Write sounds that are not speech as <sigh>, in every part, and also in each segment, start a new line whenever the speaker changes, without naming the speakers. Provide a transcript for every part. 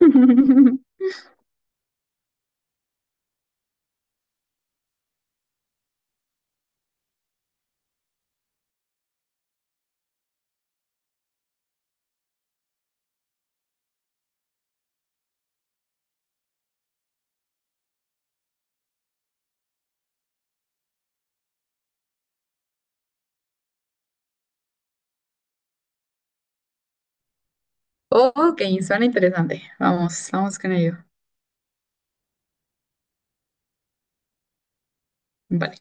<laughs> Ok, suena interesante. Vamos, vamos con ello. Vale.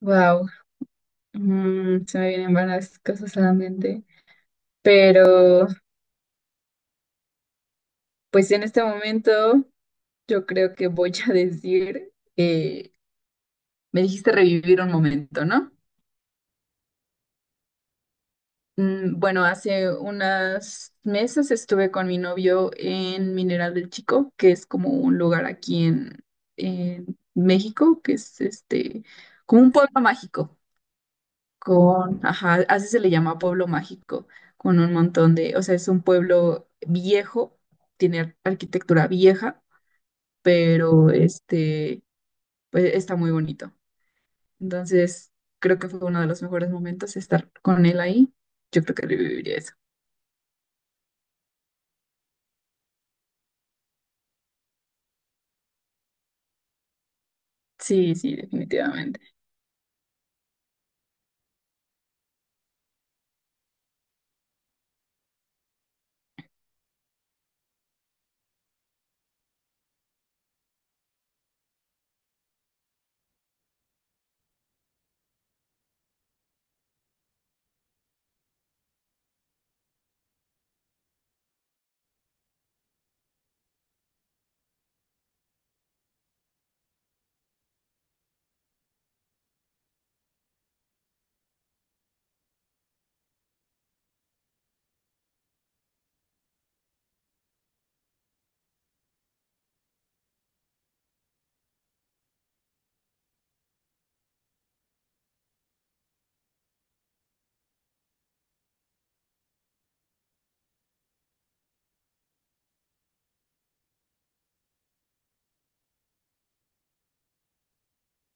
Wow. Se me vienen varias cosas a la mente. Pero, pues en este momento, yo creo que voy a <laughs> decir, me dijiste revivir un momento, ¿no? Bueno, hace unas meses estuve con mi novio en Mineral del Chico, que es como un lugar aquí en México, que es este, como un pueblo mágico. Con, ajá, así se le llama pueblo mágico, con un montón o sea, es un pueblo viejo, tiene arquitectura vieja, pero este, pues está muy bonito. Entonces, creo que fue uno de los mejores momentos estar con él ahí. Yo creo que reviviría eso. Sí, sí, definitivamente.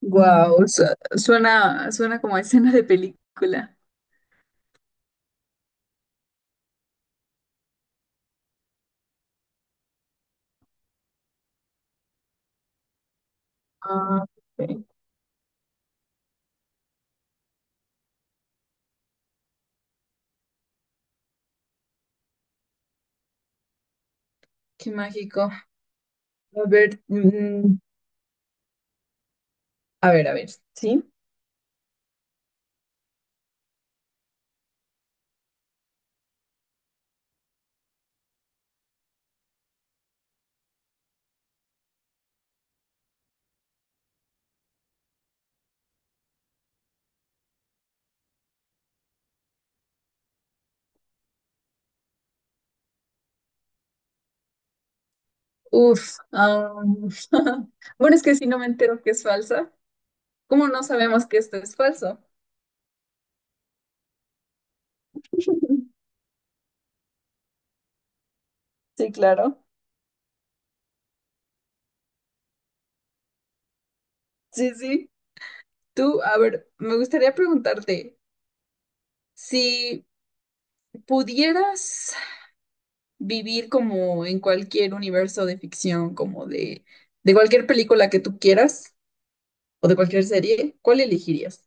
Wow, suena, suena como a escena de película. Ah, ok. Qué mágico. A ver, a ver, a ver, ¿sí? Uf, <laughs> bueno, es que si no me entero que es falsa, ¿cómo no sabemos que esto es falso? <laughs> Sí, claro. Sí, sí. Tú, a ver, me gustaría preguntarte, si pudieras vivir como en cualquier universo de ficción, como de cualquier película que tú quieras o de cualquier serie, ¿cuál elegirías?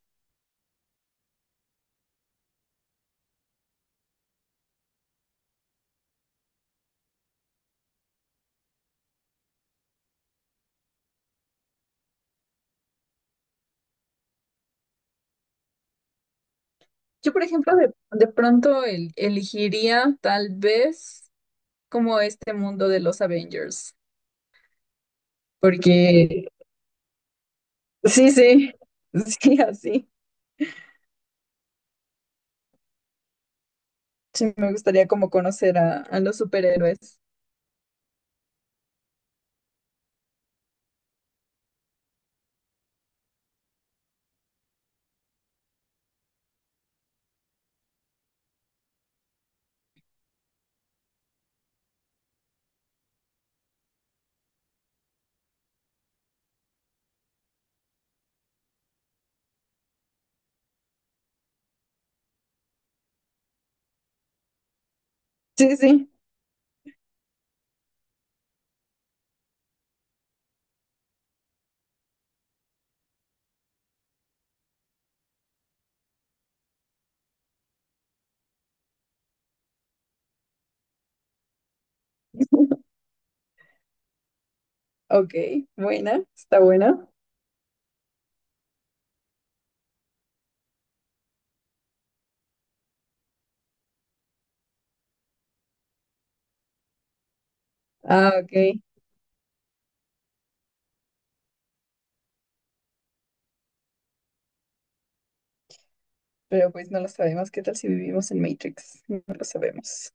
Yo, por ejemplo, de pronto elegiría tal vez como este mundo de los Avengers. Porque sí, sí, <laughs> sí, así. Sí, me gustaría como conocer a los superhéroes. Sí, sí. <laughs> Ok, buena, está buena. Ah, ok, pero pues no lo sabemos. ¿Qué tal si vivimos en Matrix? No lo sabemos.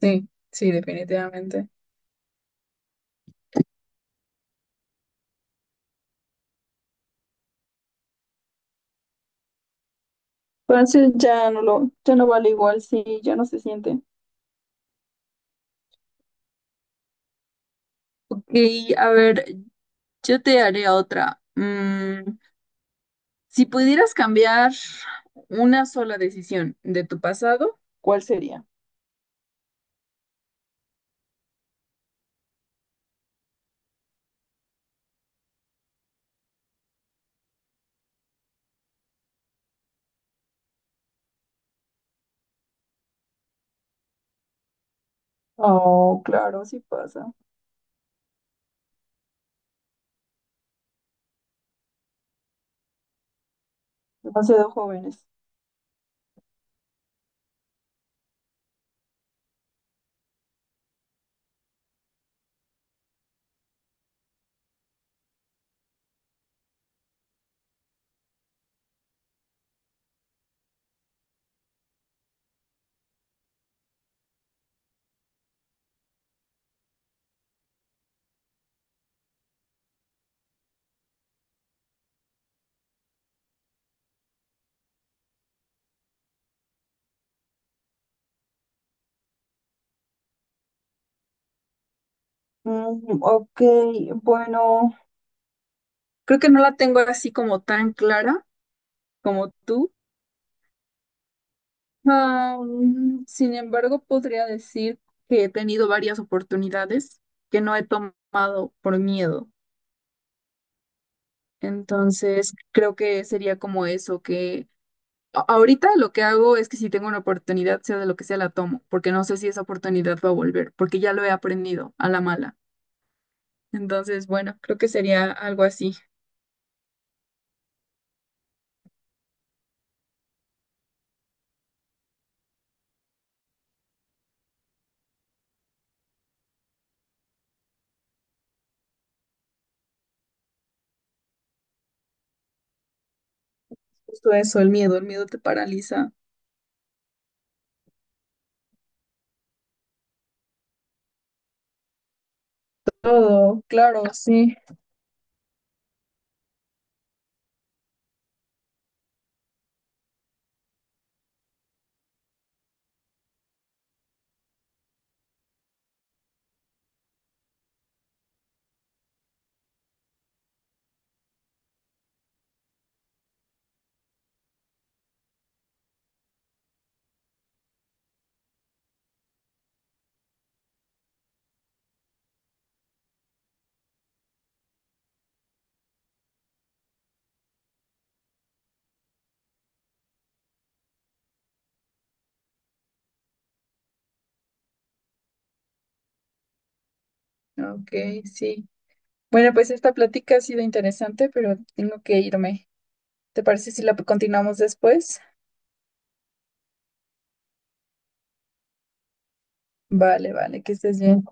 Sí, sí, definitivamente. Entonces ya no ya no vale igual, sí, ya no se siente. Ok, a ver, yo te haré otra. Si pudieras cambiar una sola decisión de tu pasado, ¿cuál sería? Oh, claro, sí pasa. Demasiado jóvenes. Ok, bueno, creo que no la tengo así como tan clara como tú. Sin embargo, podría decir que he tenido varias oportunidades que no he tomado por miedo. Entonces, creo que sería como eso, que ahorita lo que hago es que si tengo una oportunidad, sea de lo que sea, la tomo, porque no sé si esa oportunidad va a volver, porque ya lo he aprendido a la mala. Entonces, bueno, creo que sería algo así. Justo eso, el miedo te paraliza. Todo, claro, sí. Ok, sí. Bueno, pues esta plática ha sido interesante, pero tengo que irme. ¿Te parece si la continuamos después? Vale, vale, que estés bien.